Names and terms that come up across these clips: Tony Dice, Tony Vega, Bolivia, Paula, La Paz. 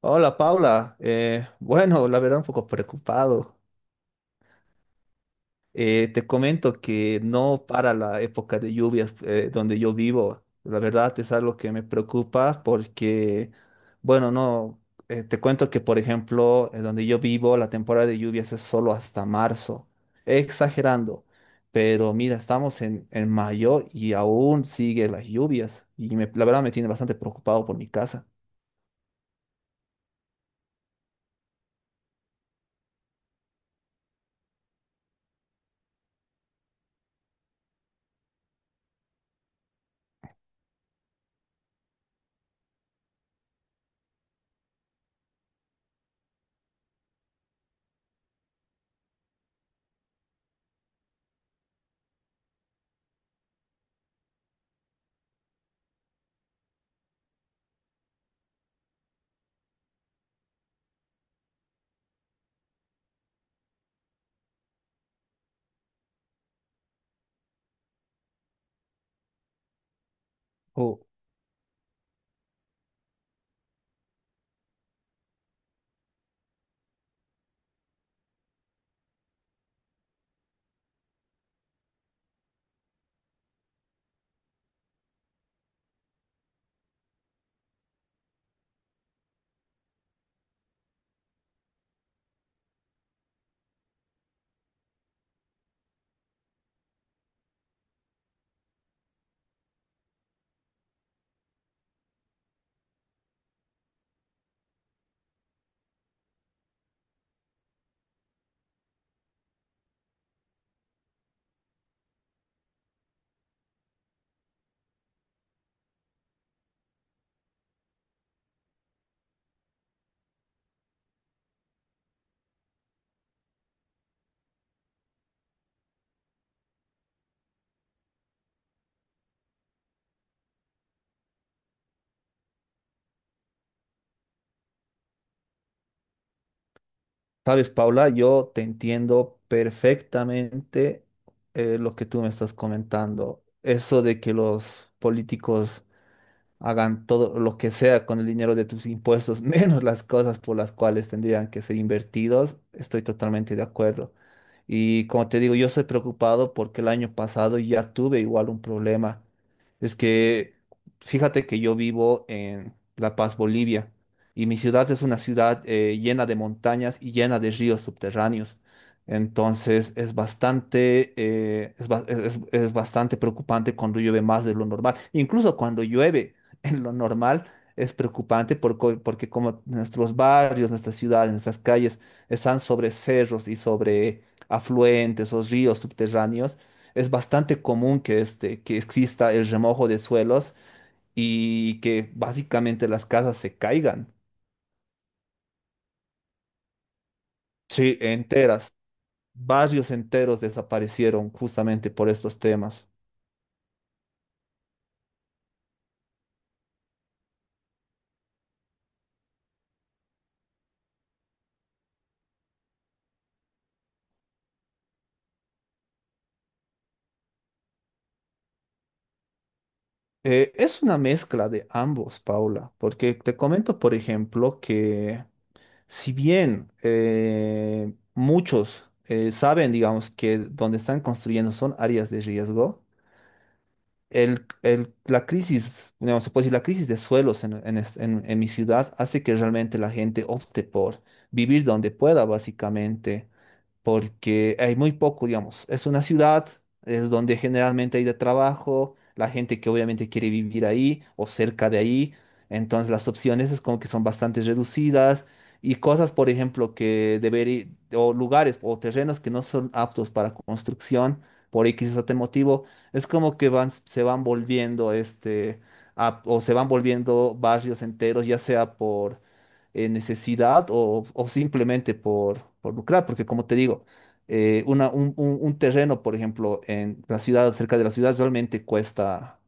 Hola Paula. Bueno, la verdad un poco preocupado. Te comento que no para la época de lluvias donde yo vivo. La verdad es algo que me preocupa porque, bueno, no, te cuento que por ejemplo, donde yo vivo, la temporada de lluvias es solo hasta marzo. Exagerando, pero mira, estamos en mayo y aún sigue las lluvias y la verdad me tiene bastante preocupado por mi casa. Sabes, Paula, yo te entiendo perfectamente lo que tú me estás comentando. Eso de que los políticos hagan todo lo que sea con el dinero de tus impuestos, menos las cosas por las cuales tendrían que ser invertidos, estoy totalmente de acuerdo. Y como te digo, yo soy preocupado porque el año pasado ya tuve igual un problema. Es que fíjate que yo vivo en La Paz, Bolivia, y mi ciudad es una ciudad llena de montañas y llena de ríos subterráneos. Entonces es bastante, es, ba- es bastante preocupante cuando llueve más de lo normal. Incluso cuando llueve, en lo normal es preocupante porque como nuestros barrios, nuestras ciudades, nuestras calles están sobre cerros y sobre afluentes o ríos subterráneos, es bastante común que, que exista el remojo de suelos y que básicamente las casas se caigan. Sí, enteras. Barrios enteros desaparecieron justamente por estos temas. Es una mezcla de ambos, Paula, porque te comento, por ejemplo, que si bien muchos saben, digamos, que donde están construyendo son áreas de riesgo, la crisis, digamos, se puede decir, la crisis de suelos en mi ciudad hace que realmente la gente opte por vivir donde pueda, básicamente porque hay muy poco, digamos. Es una ciudad, es donde generalmente hay de trabajo, la gente que obviamente quiere vivir ahí o cerca de ahí, entonces las opciones es como que son bastante reducidas y cosas, por ejemplo, o lugares o terrenos que no son aptos para construcción por X o T motivo, es como que van, se van volviendo o se van volviendo barrios enteros, ya sea por necesidad o simplemente por lucrar, porque como te digo, un terreno, por ejemplo, en la ciudad, cerca de la ciudad, realmente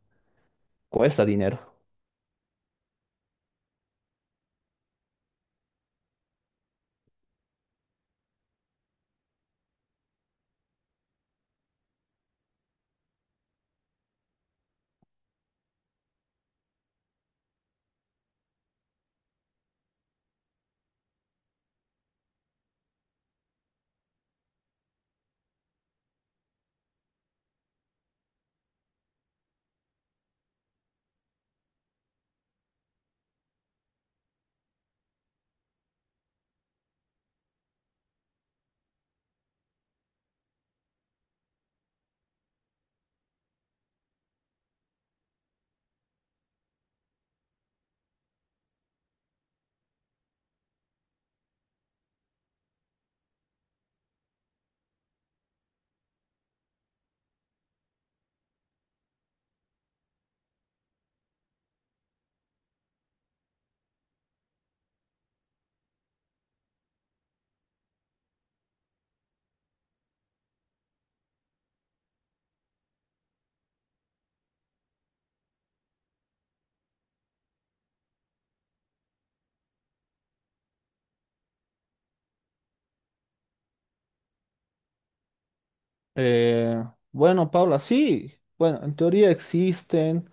cuesta dinero. Eh, bueno, Paula, sí, bueno, en teoría existen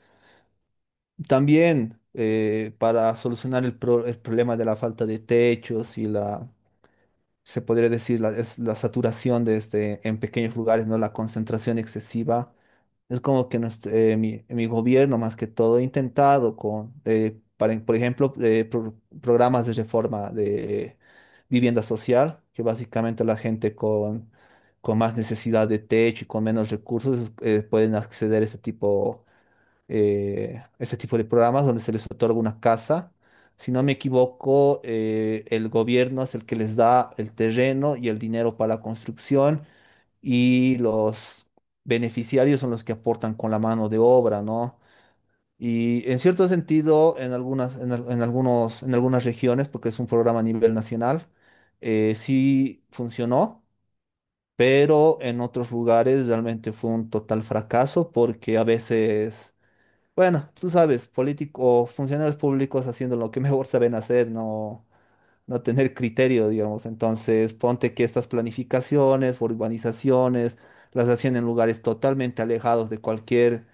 también para solucionar el problema de la falta de techos y la, se podría decir, la, es la saturación de en pequeños lugares, ¿no? La concentración excesiva. Es como que mi gobierno, más que todo, ha intentado por ejemplo, programas de reforma de vivienda social, que básicamente la gente con más necesidad de techo y con menos recursos, pueden acceder a este tipo ese tipo de programas donde se les otorga una casa. Si no me equivoco, el gobierno es el que les da el terreno y el dinero para la construcción y los beneficiarios son los que aportan con la mano de obra, ¿no? Y en cierto sentido, en algunos, en algunas regiones, porque es un programa a nivel nacional, sí funcionó, pero en otros lugares realmente fue un total fracaso porque a veces, bueno, tú sabes, políticos o funcionarios públicos haciendo lo que mejor saben hacer, no, no tener criterio, digamos. Entonces, ponte que estas planificaciones, urbanizaciones, las hacían en lugares totalmente alejados de cualquier,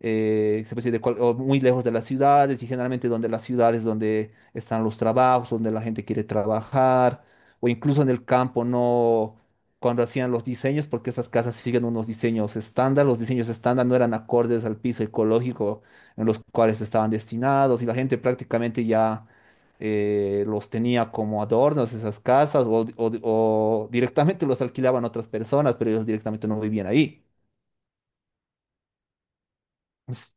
se puede decir, o muy lejos de las ciudades, y generalmente donde las ciudades donde están los trabajos, donde la gente quiere trabajar, o incluso en el campo, no, cuando hacían los diseños, porque esas casas siguen unos diseños estándar, los diseños estándar no eran acordes al piso ecológico en los cuales estaban destinados, y la gente prácticamente ya los tenía como adornos esas casas o directamente los alquilaban a otras personas, pero ellos directamente no vivían ahí. Es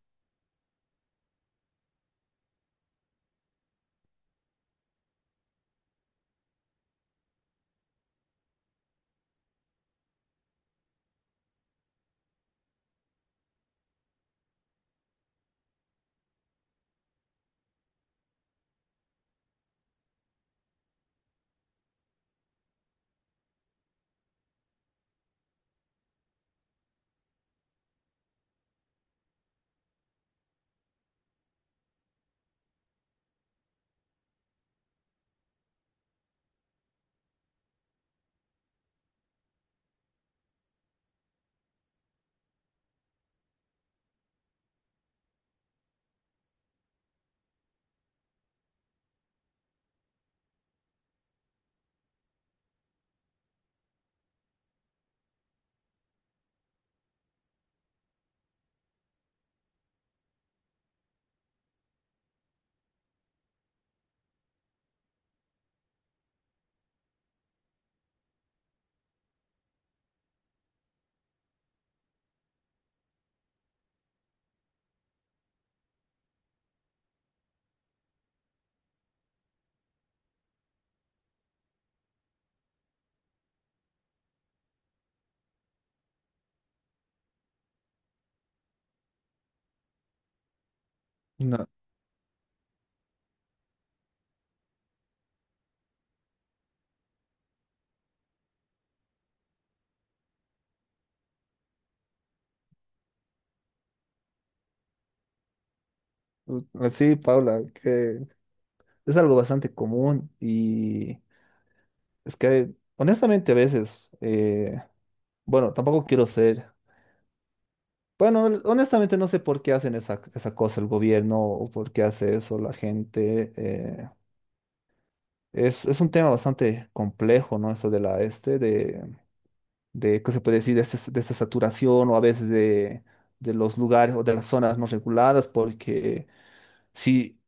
una- u- Sí, Paula, que es algo bastante común y es que honestamente a veces, bueno, tampoco quiero ser, bueno, honestamente no sé por qué hacen esa cosa el gobierno o por qué hace eso la gente. Es un tema bastante complejo, ¿no? Eso de la este, de, ¿qué se puede decir? De esta, de esta saturación o a veces de los lugares o de las zonas no reguladas, porque si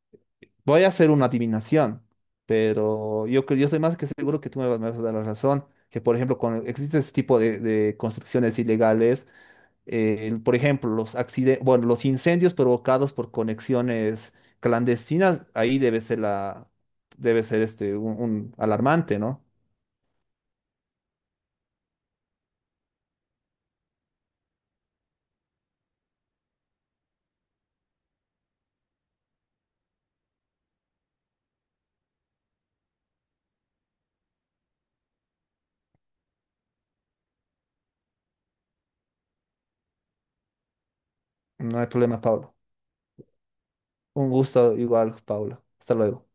voy a hacer una adivinación, pero yo estoy más que seguro que tú me vas a dar la razón, que por ejemplo, cuando existe este tipo de construcciones ilegales, por ejemplo, los accidentes, bueno, los incendios provocados por conexiones clandestinas, ahí debe ser la, debe ser un alarmante, ¿no? No hay problema, Pablo. Un gusto igual, Paula. Hasta luego.